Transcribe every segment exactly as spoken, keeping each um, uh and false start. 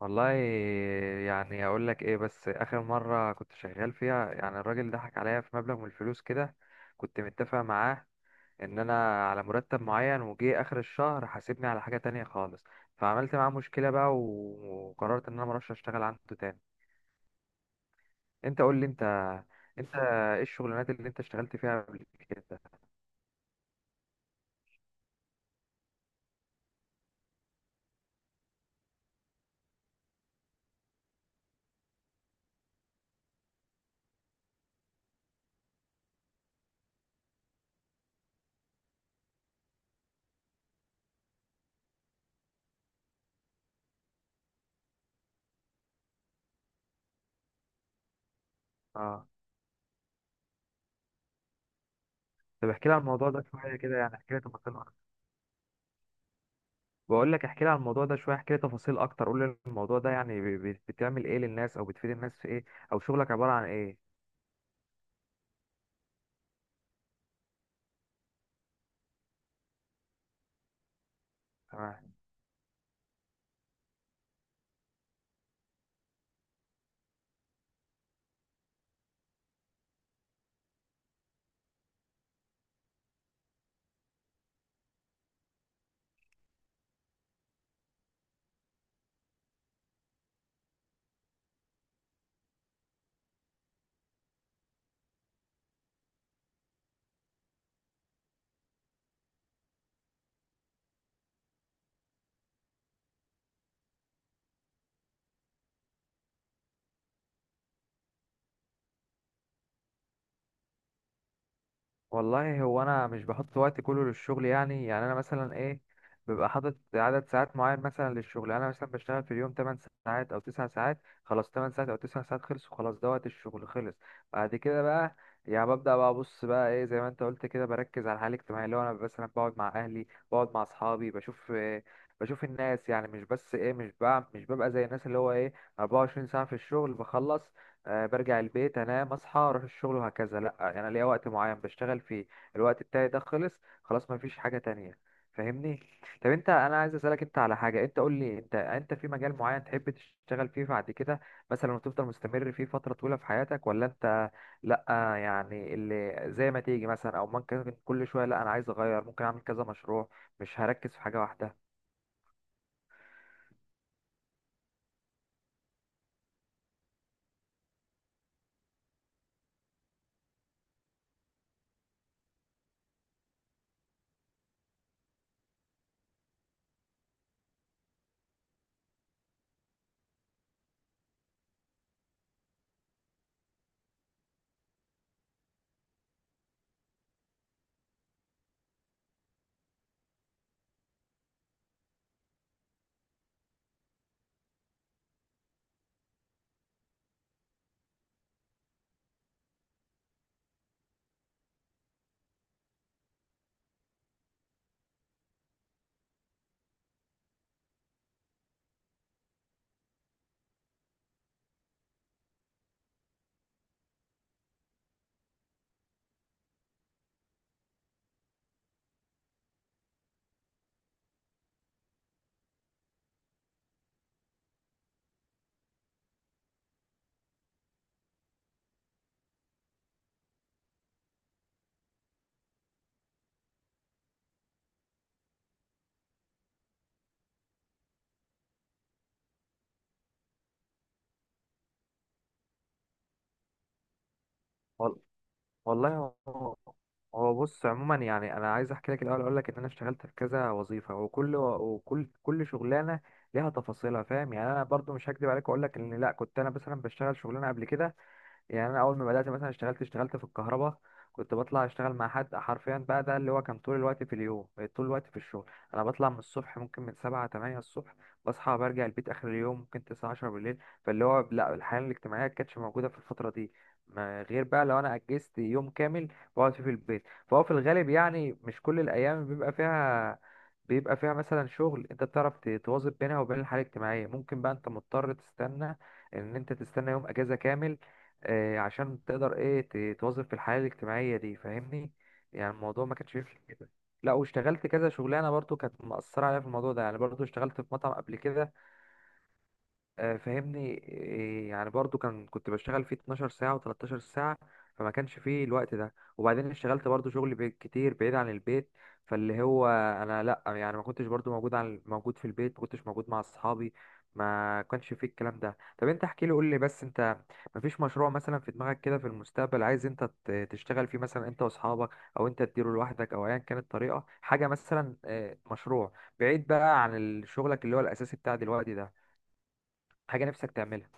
والله، يعني اقول لك ايه؟ بس اخر مره كنت شغال فيها يعني الراجل ضحك عليا في مبلغ من الفلوس كده. كنت متفق معاه ان انا على مرتب معين، وجي اخر الشهر حاسبني على حاجه تانية خالص. فعملت معاه مشكله بقى و- وقررت ان انا مروحش اشتغل عنده تاني. انت قول لي انت، انت ايه الشغلانات اللي انت اشتغلت فيها قبل كده؟ اه. طب احكي لي عن الموضوع ده شويه كده، يعني احكي لي تفاصيل. بقول لك احكي لي عن الموضوع ده شويه، احكي لي تفاصيل اكتر. قول لي الموضوع ده يعني ب- ب- بتعمل ايه للناس؟ او بتفيد الناس في ايه؟ او شغلك عباره عن ايه؟ والله هو انا مش بحط وقت كله للشغل. يعني يعني انا مثلا ايه، ببقى حاطط عدد ساعات معين مثلا للشغل. يعني انا مثلا بشتغل في اليوم 8 ساعات او 9 ساعات. خلاص 8 ساعات او 9 ساعات خلصوا، خلاص ده وقت الشغل خلص. بعد كده بقى يعني ببدأ بقى ابص بقى ايه زي ما انت قلت كده، بركز على الحياة الاجتماعية، اللي هو انا مثلا بقعد مع اهلي، بقعد مع اصحابي، بشوف إيه، بشوف الناس. يعني مش بس ايه، مش بقى مش ببقى زي الناس اللي هو ايه 24 ساعة في الشغل بخلص، آه، برجع البيت انام اصحى اروح الشغل وهكذا. لا، انا ليا وقت معين بشتغل فيه. الوقت بتاعي ده خلص، خلاص ما فيش حاجة تانية. فاهمني؟ طب انت، انا عايز اسالك انت على حاجة. انت قول لي انت، انت في مجال معين تحب تشتغل فيه بعد كده مثلا وتفضل مستمر فيه فترة طويلة في حياتك، ولا انت لا، يعني اللي زي ما تيجي مثلا، او ممكن كل شوية لا انا عايز اغير، ممكن اعمل كذا مشروع مش هركز في حاجة واحدة؟ والله هو هو بص عموما، يعني انا عايز احكي لك الاول. اقول لك ان انا اشتغلت في كذا وظيفه، وكل وكل كل شغلانه ليها تفاصيلها فاهم. يعني انا برضو مش هكدب عليك واقول لك ان لا كنت انا مثلا بشتغل شغلانه قبل كده. يعني انا اول ما بدات مثلا اشتغلت اشتغلت في الكهرباء. كنت بطلع اشتغل مع حد حرفيا، بقى ده اللي هو كان طول الوقت في اليوم طول الوقت في الشغل. انا بطلع من الصبح، ممكن من سبعة تمانية الصبح بصحى، برجع البيت اخر اليوم ممكن تسعة عشرة بالليل. فاللي هو لا الحياه الاجتماعيه كانتش موجوده في الفتره دي، ما غير بقى لو انا اجزت يوم كامل بقعد فيه في البيت. فهو في الغالب يعني مش كل الايام بيبقى فيها، بيبقى فيها مثلا شغل. انت بتعرف ت- تواظب بينها وبين الحياه الاجتماعيه. ممكن بقى انت مضطر تستنى، ان انت تستنى يوم اجازه كامل، آه، عشان تقدر ايه ت- تواظب في الحياة الاجتماعية دي. فاهمني؟ يعني الموضوع ما كانش يمشي كده. لا، واشتغلت كذا شغلانة برضو كانت مأثرة عليا في الموضوع ده. يعني برضو اشتغلت في مطعم قبل كده، آه، فاهمني إيه، يعني برضو كان كنت بشتغل فيه 12 ساعة و13 ساعة. فما كانش فيه الوقت ده. وبعدين اشتغلت برضو شغل بي- كتير بعيد عن البيت. فاللي هو انا لا، يعني ما كنتش برضو موجود عن موجود في البيت، ما كنتش موجود مع اصحابي. ما كانش فيه الكلام ده. طب انت احكي لي، قول لي بس انت، ما فيش مشروع مثلا في دماغك كده في المستقبل عايز انت ت- تشتغل فيه مثلا انت واصحابك، او انت تديره لوحدك، او ايا كانت الطريقة؟ حاجة مثلا آه، مشروع بعيد بقى عن ال- شغلك اللي هو الاساسي بتاع دلوقتي ده، حاجة نفسك تعملها.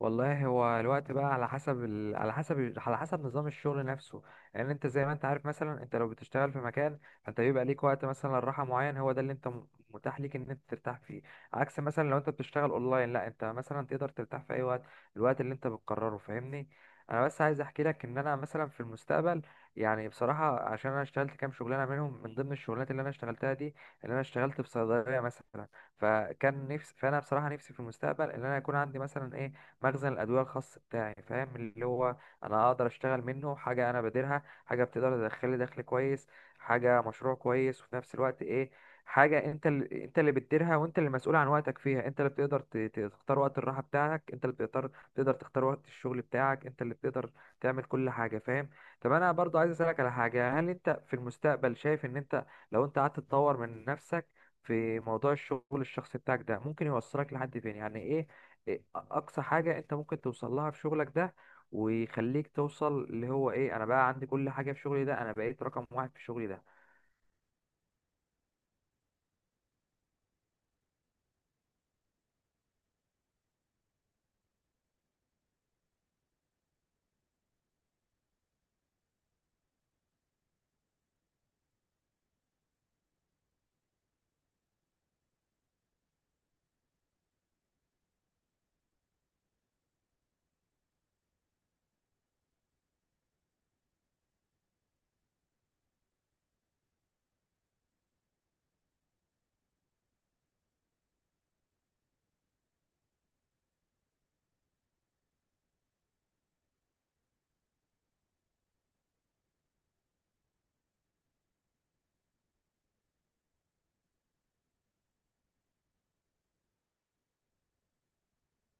والله هو الوقت بقى على حسب ال... على حسب على حسب نظام الشغل نفسه. لان انت زي ما انت عارف، مثلا انت لو بتشتغل في مكان فانت بيبقى ليك وقت مثلا راحه معين، هو ده اللي انت م- متاح ليك ان انت ترتاح فيه. عكس مثلا لو انت بتشتغل اونلاين لا، انت مثلا تقدر ترتاح في اي وقت، الوقت اللي انت بتقرره. فاهمني؟ انا بس عايز احكي لك ان انا مثلا في المستقبل، يعني بصراحه، عشان انا اشتغلت كام شغلانه منهم، من ضمن الشغلانات اللي انا اشتغلتها دي اللي انا اشتغلت في صيدليه مثلا. فكان نفسي، فانا بصراحه نفسي في المستقبل ان انا يكون عندي مثلا ايه مخزن الادويه الخاص بتاعي. فاهم اللي هو انا اقدر اشتغل منه حاجه انا باديرها، حاجه بتقدر تدخل لي دخل كويس، حاجه مشروع كويس، وفي نفس الوقت ايه حاجه انت اللي انت اللي بتديرها، وانت اللي مسؤول عن وقتك فيها، انت اللي بتقدر ت- ت- تختار وقت الراحه بتاعك، انت اللي بتقدر تقدر تختار وقت الشغل بتاعك، انت اللي بتقدر تعمل كل حاجه. فاهم؟ طب انا برضو عايز اسالك على حاجه. هل انت في المستقبل شايف ان انت لو انت قعدت تطور من نفسك في موضوع الشغل الشخصي بتاعك ده ممكن يوصلك لحد فين؟ يعني ايه إيه اقصى حاجه انت ممكن توصل لها في شغلك ده، ويخليك توصل اللي هو ايه انا بقى عندي كل حاجه في شغلي ده، انا بقيت رقم واحد في شغلي ده؟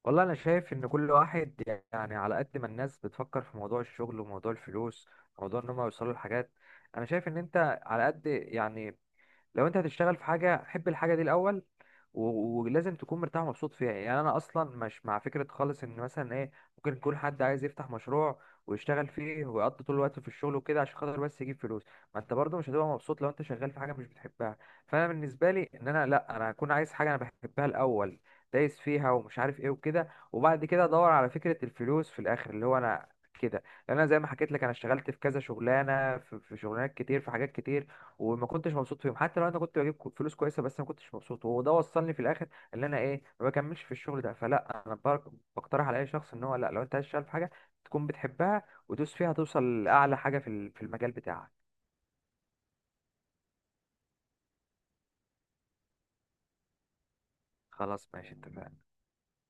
والله انا شايف ان كل واحد، يعني على قد ما الناس بتفكر في موضوع الشغل وموضوع الفلوس، موضوع ان هم يوصلوا لحاجات، انا شايف ان انت على قد يعني لو انت هتشتغل في حاجه حب الحاجه دي الاول و- ولازم تكون مرتاح ومبسوط فيها. يعني انا اصلا مش مع فكره خالص ان مثلا ايه ممكن يكون حد عايز يفتح مشروع ويشتغل فيه ويقضي طول الوقت في الشغل وكده عشان خاطر بس يجيب فلوس. ما انت برضه مش هتبقى مبسوط لو انت شغال في حاجه مش بتحبها. فانا بالنسبه لي ان انا لا، انا هكون عايز حاجه انا بحبها الاول، دايس فيها ومش عارف ايه وكده، وبعد كده ادور على فكره الفلوس في الاخر اللي هو انا كده. لان انا زي ما حكيت لك انا اشتغلت في كذا شغلانه، في في شغلانات كتير، في حاجات كتير، وما كنتش مبسوط فيهم. حتى لو انا كنت بجيب كو- فلوس كويسه، بس ما كنتش مبسوط، وده وصلني في الاخر ان انا ايه ما بكملش في الشغل ده. فلا انا بر- بقترح على اي شخص ان هو لا، لو انت عايز تشتغل في حاجه تكون بتحبها ودوس فيها توصل لاعلى حاجه في ال- في المجال بتاعك. خلاص ماشي اتفقنا.